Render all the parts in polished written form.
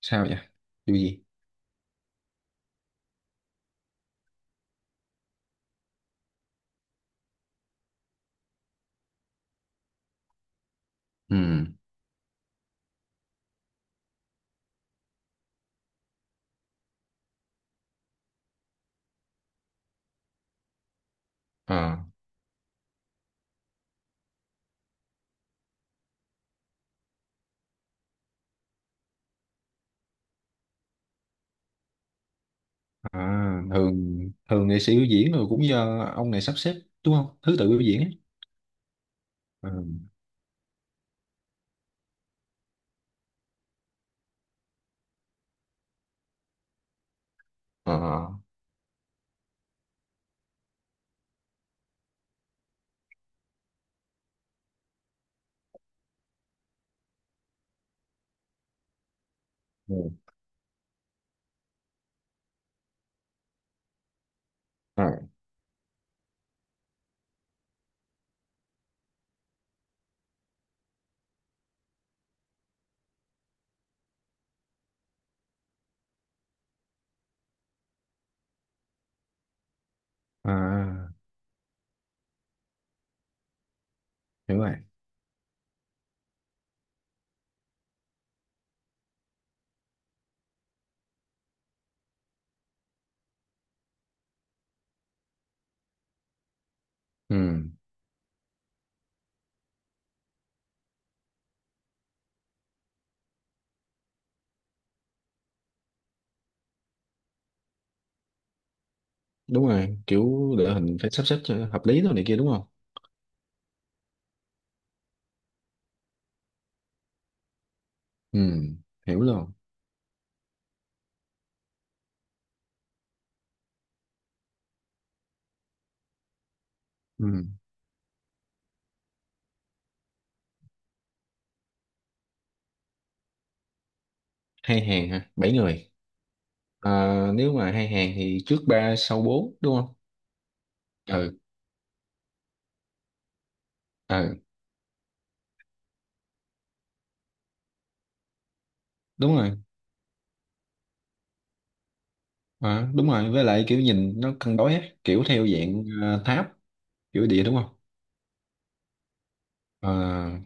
Sao vậy? Điều gì? Ừ. Ờ. À, thường thường nghệ sĩ biểu diễn rồi cũng do ông này sắp xếp đúng không? Thứ tự biểu diễn ấy. Ừ. Ờ. Ừ. À, à, hiểu rồi. Ừ. Đúng rồi, kiểu đội hình phải sắp xếp cho hợp lý thôi này kia đúng không? Ừ. Hiểu luôn. Ừ. Hai hàng hả? Bảy người. À, nếu mà hai hàng thì trước ba sau bốn đúng không? Ừ. Ừ. Đúng rồi. À, đúng rồi, với lại kiểu nhìn nó cân đối á kiểu theo dạng tháp kiểu địa đúng không? À,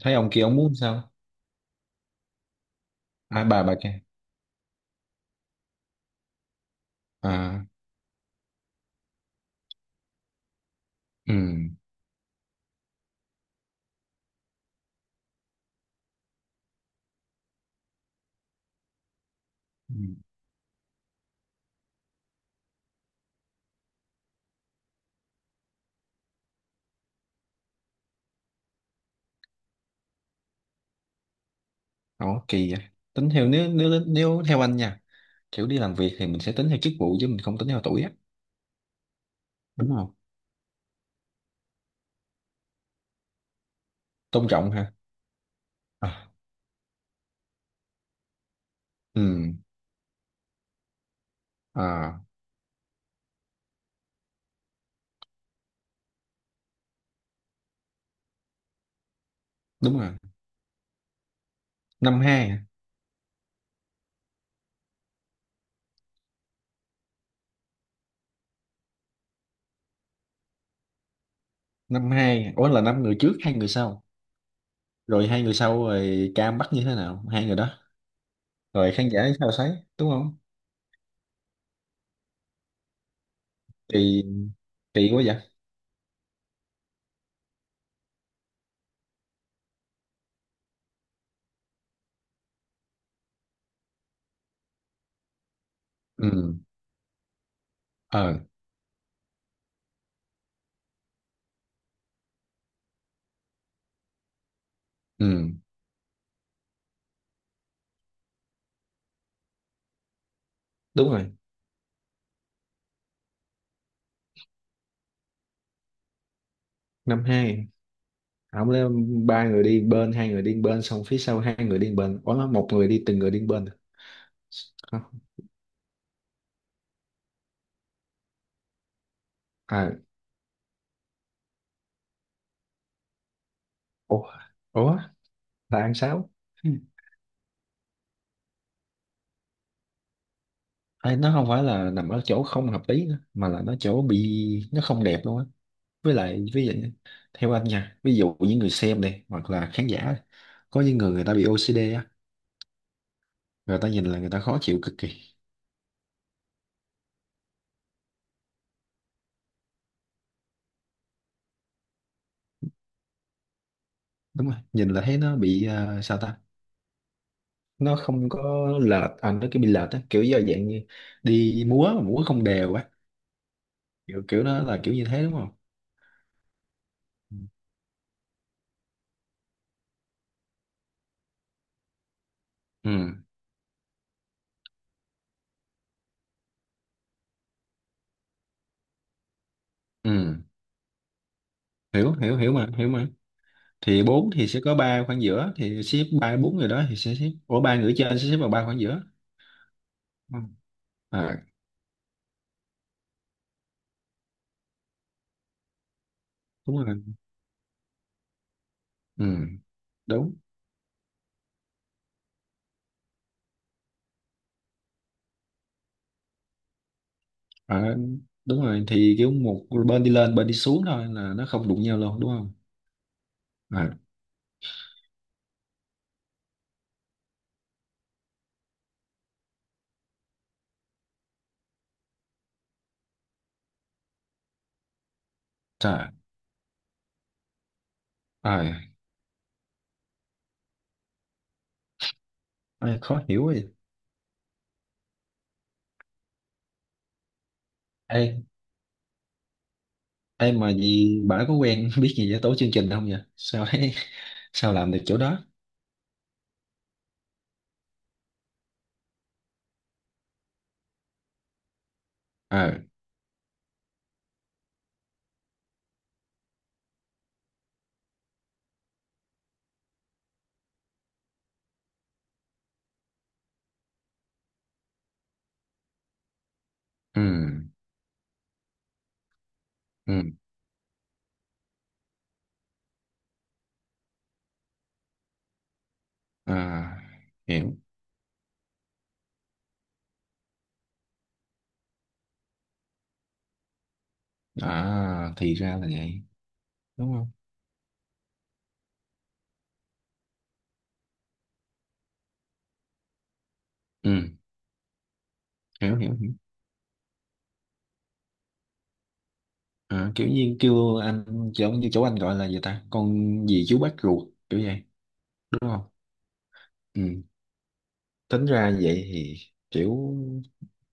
thấy ông kia ông muốn sao? À, bà kia. À. Ừ. Ừ. Đó kỳ vậy. Tính theo, nếu nếu nếu theo anh nha, kiểu đi làm việc thì mình sẽ tính theo chức vụ chứ mình không tính theo tuổi á, đúng không? Tôn trọng ha. À. Ừ. À, đúng rồi. Năm hai, hả? Năm hai. Ủa là năm người trước hai người sau. Rồi hai người sau rồi cam bắt như thế nào? Hai người đó. Rồi khán giả sao thấy, đúng không? Kỳ kỳ quá vậy. Ừ. Ờ. Ừ. Đúng rồi. Năm hai, ông lấy ba người đi bên, hai người đi bên, xong phía sau hai người đi bên, ủa một người đi, từng người đi bên hả? À, ủa, ủa là ăn sáu. Ừ. Ê, nó không phải là nằm ở chỗ không hợp lý nữa, mà là nó chỗ bị nó không đẹp luôn á, với lại ví dụ theo anh nha, ví dụ những người xem đây hoặc là khán giả có những người người ta bị OCD á, người ta nhìn là người ta khó chịu cực kỳ. Đúng rồi, nhìn là thấy nó bị à, sao ta, nó không có lệch à, nó cứ bị lệch á, kiểu do dạng như đi múa mà múa không đều á, kiểu kiểu đó là kiểu như thế đúng không? Ừ. Ừ. Ừ. Hiểu hiểu hiểu mà, hiểu mà. Thì bốn thì sẽ có ba khoảng giữa thì xếp ba bốn người đó thì sẽ xếp, ủa ba người trên sẽ xếp vào ba khoảng giữa. Ừ. À, đúng rồi. Ừ. Đúng. À, đúng rồi, thì kiểu một bên đi lên, bên đi xuống thôi là nó không đụng nhau luôn đúng không? À, trời ơi, ai khó hiểu vậy. Ê, ê mà gì bà có quen biết gì về tổ chương trình không vậy sao ấy sao làm được chỗ đó. À. Ừ. Ừ. À, hiểu. À, thì ra là vậy đúng không? Ừ. Hiểu hiểu hiểu. À, kiểu như kêu anh chỗ như chỗ anh gọi là gì ta, con gì chú bác ruột kiểu vậy đúng không? Ừ. Tính ra vậy thì, kiểu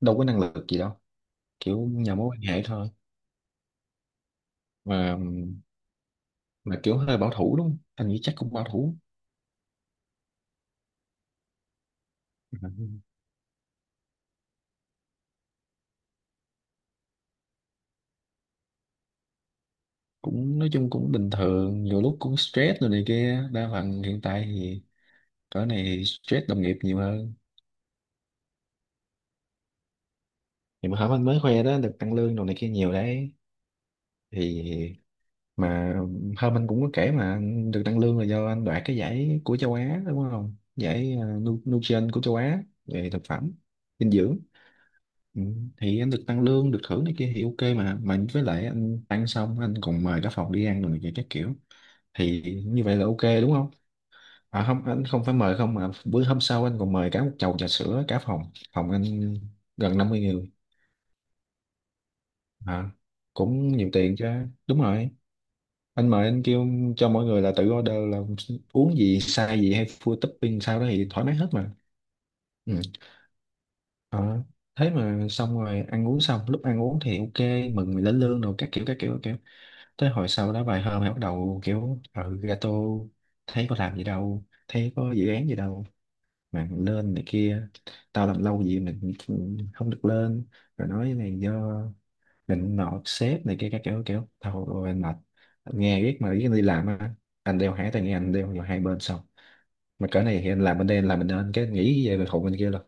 đâu có năng lực gì đâu, kiểu nhờ mối quan hệ thôi. Mà mà kiểu hơi bảo thủ đúng không, anh nghĩ chắc cũng bảo thủ. Ừ. Cũng nói chung cũng bình thường, nhiều lúc cũng stress rồi này kia, đa phần hiện tại thì cỡ này stress đồng nghiệp nhiều hơn. Thì mà hả anh mới khoe đó, được tăng lương đồ này kia nhiều đấy. Thì mà hôm anh cũng có kể mà anh được tăng lương là do anh đoạt cái giải của châu Á đúng không, giải Nutrition của châu Á về thực phẩm dinh dưỡng. Ừ. Thì anh được tăng lương được thưởng này kia thì ok, mà với lại anh ăn xong anh còn mời cả phòng đi ăn rồi này kia các kiểu, thì như vậy là ok đúng không? À không, anh không phải mời không, mà bữa hôm sau anh còn mời cả một chầu trà sữa cả phòng. Phòng anh gần 50 người. À, cũng nhiều tiền chứ. Đúng rồi, anh mời, anh kêu cho mọi người là tự order, là uống gì sai gì hay full topping sao đó thì thoải mái hết mà. Ừ. Ờ, thế mà xong rồi ăn uống, xong lúc ăn uống thì ok, mừng mình lên lương rồi các kiểu các kiểu các kiểu, tới hồi sau đó vài hôm thì bắt đầu kiểu ừ, gato, thấy có làm gì đâu thấy có dự án gì đâu mà lên này kia, tao làm lâu gì mình không được lên, rồi nói này do mình nọ sếp này kia các kiểu kiểu, thôi ôi, anh mệt. Anh nghe biết mà, biết anh đi làm á, anh đeo hai tai nghe anh đeo vào hai bên, xong mà cỡ này thì anh làm bên đây anh làm bên đây, anh cái nghĩ về thuộc bên kia rồi.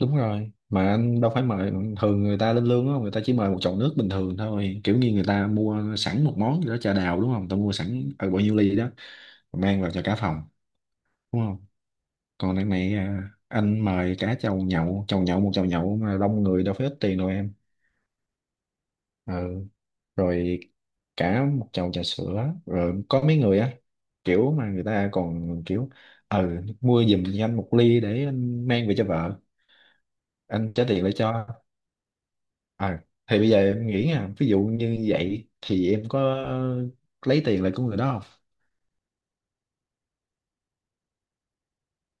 Đúng rồi mà anh đâu phải mời, thường người ta lên lương á người ta chỉ mời một chậu nước bình thường thôi, kiểu như người ta mua sẵn một món gì đó trà đào đúng không, người ta mua sẵn ở bao nhiêu ly đó mang vào cho cả phòng đúng không? Còn đằng này à, anh mời cả chầu nhậu, chầu nhậu một chầu nhậu mà đông người đâu phải ít tiền đâu em. Ờ, rồi cả một chầu trà sữa rồi có mấy người á, kiểu mà người ta còn kiểu ừ, mua giùm cho anh một ly để anh mang về cho vợ, anh trả tiền lại cho. À thì bây giờ em nghĩ nha, ví dụ như vậy thì em có lấy tiền lại của người đó không?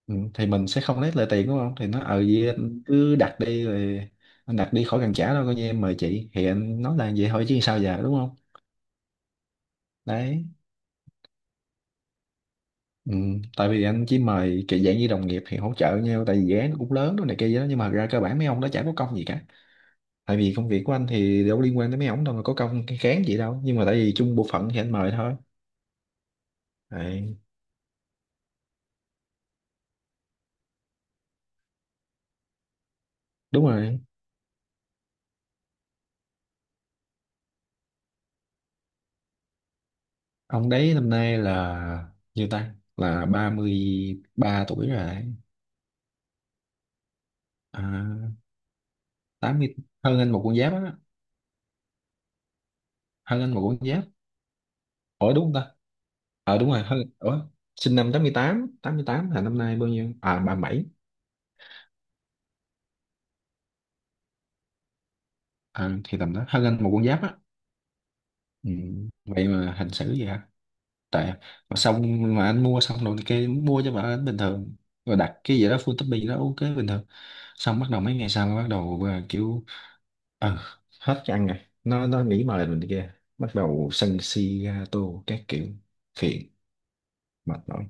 Ừ, thì mình sẽ không lấy lại tiền đúng không, thì nó ờ gì, anh cứ đặt đi rồi, anh đặt đi khỏi cần trả đâu, coi như em mời chị, thì anh nói là vậy thôi chứ sao giờ đúng không? Đấy. Ừ, tại vì anh chỉ mời kiểu dạng như đồng nghiệp thì hỗ trợ nhau, tại vì dự án nó cũng lớn đó này kia gì đó, nhưng mà thật ra cơ bản mấy ông đó chả có công gì cả, tại vì công việc của anh thì đâu liên quan tới mấy ông đâu mà có công cái cán gì đâu, nhưng mà tại vì chung bộ phận thì anh mời thôi. Đấy, đúng rồi, ông đấy năm nay là nhiêu ta, là 33 tuổi rồi đấy. À, 80, hơn anh một con giáp á, hơn anh một con giáp. Ủa đúng không ta, ờ đúng rồi hơn, ủa sinh năm tám mươi, tám tám mươi mươi tám là năm nay bao nhiêu à 37. À, thì tầm đó hơn anh một con giáp á. Ừ. Vậy mà hành xử vậy hả? Tại mà xong, mà anh mua xong rồi kia, mua cho bà anh bình thường, rồi đặt cái gì đó full topping đó ok bình thường, xong bắt đầu mấy ngày sau bắt đầu à, kiểu ờ hết cái ăn rồi, nó nghĩ mà là mình kia, bắt đầu sân si ga tô các kiểu, phiền, mệt mỏi.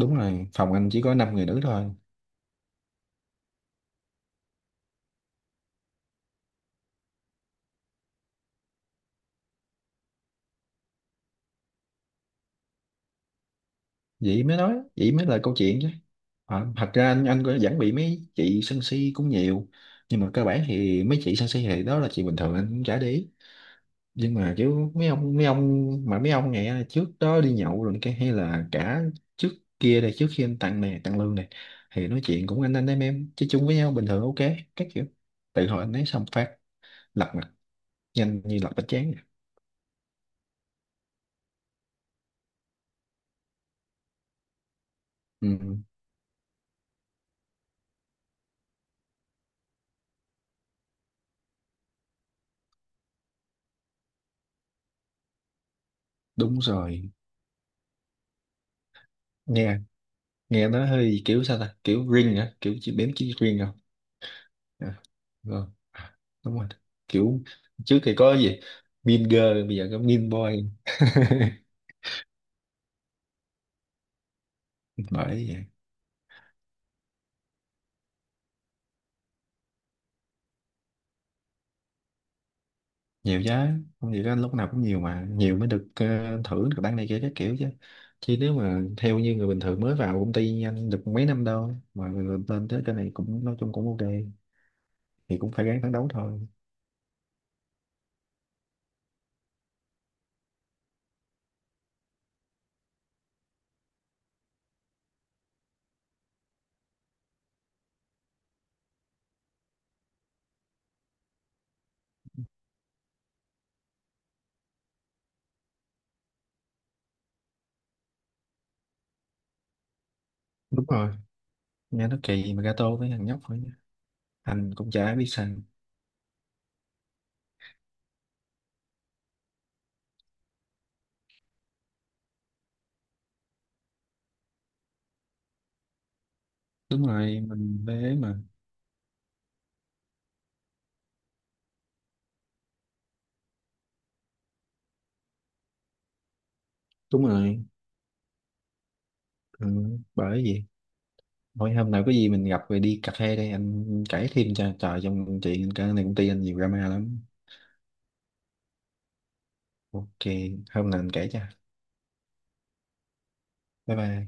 Đúng rồi, phòng anh chỉ có năm người nữ thôi, vậy mới nói, vậy mới là câu chuyện chứ. Ờ, thật ra anh cũng vẫn bị mấy chị sân si cũng nhiều, nhưng mà cơ bản thì mấy chị sân si thì đó là chuyện bình thường anh cũng chả để ý, nhưng mà kiểu mấy ông mà mấy ông này trước đó đi nhậu rồi cái hay là cả trước kia đây, trước khi anh tặng này tặng lương này thì nói chuyện cũng anh em chơi chung với nhau bình thường ok các kiểu, tự hồi anh ấy xong phát lật mặt nhanh như lật bánh tráng à. Ừ, đúng rồi. Nghe nghe nó hơi kiểu sao ta, kiểu riêng hả, kiểu chỉ bếm chỉ riêng không. À, rồi. À, đúng rồi, kiểu trước thì có gì mean girl bây giờ có mean boy. Bởi vậy. Nhiều chứ, không nhiều đó lúc nào cũng nhiều mà, nhiều mới được thưởng được tăng này kia các kiểu chứ, chứ nếu mà theo như người bình thường mới vào công ty nhanh được mấy năm đâu mà rồi lên tới cái này cũng nói chung cũng ok, thì cũng phải ráng phấn đấu thôi. Đúng rồi, nghe nó kỳ mà gato với thằng nhóc thôi nha. Anh cũng chả biết sao. Đúng rồi, mình bé mà. Đúng rồi. Ừ, bởi gì mỗi hôm nào có gì mình gặp rồi đi cà phê đây anh kể thêm cho, trời, trong chuyện cái này công ty anh nhiều drama lắm. Ok, hôm nào anh kể cho. Bye bye.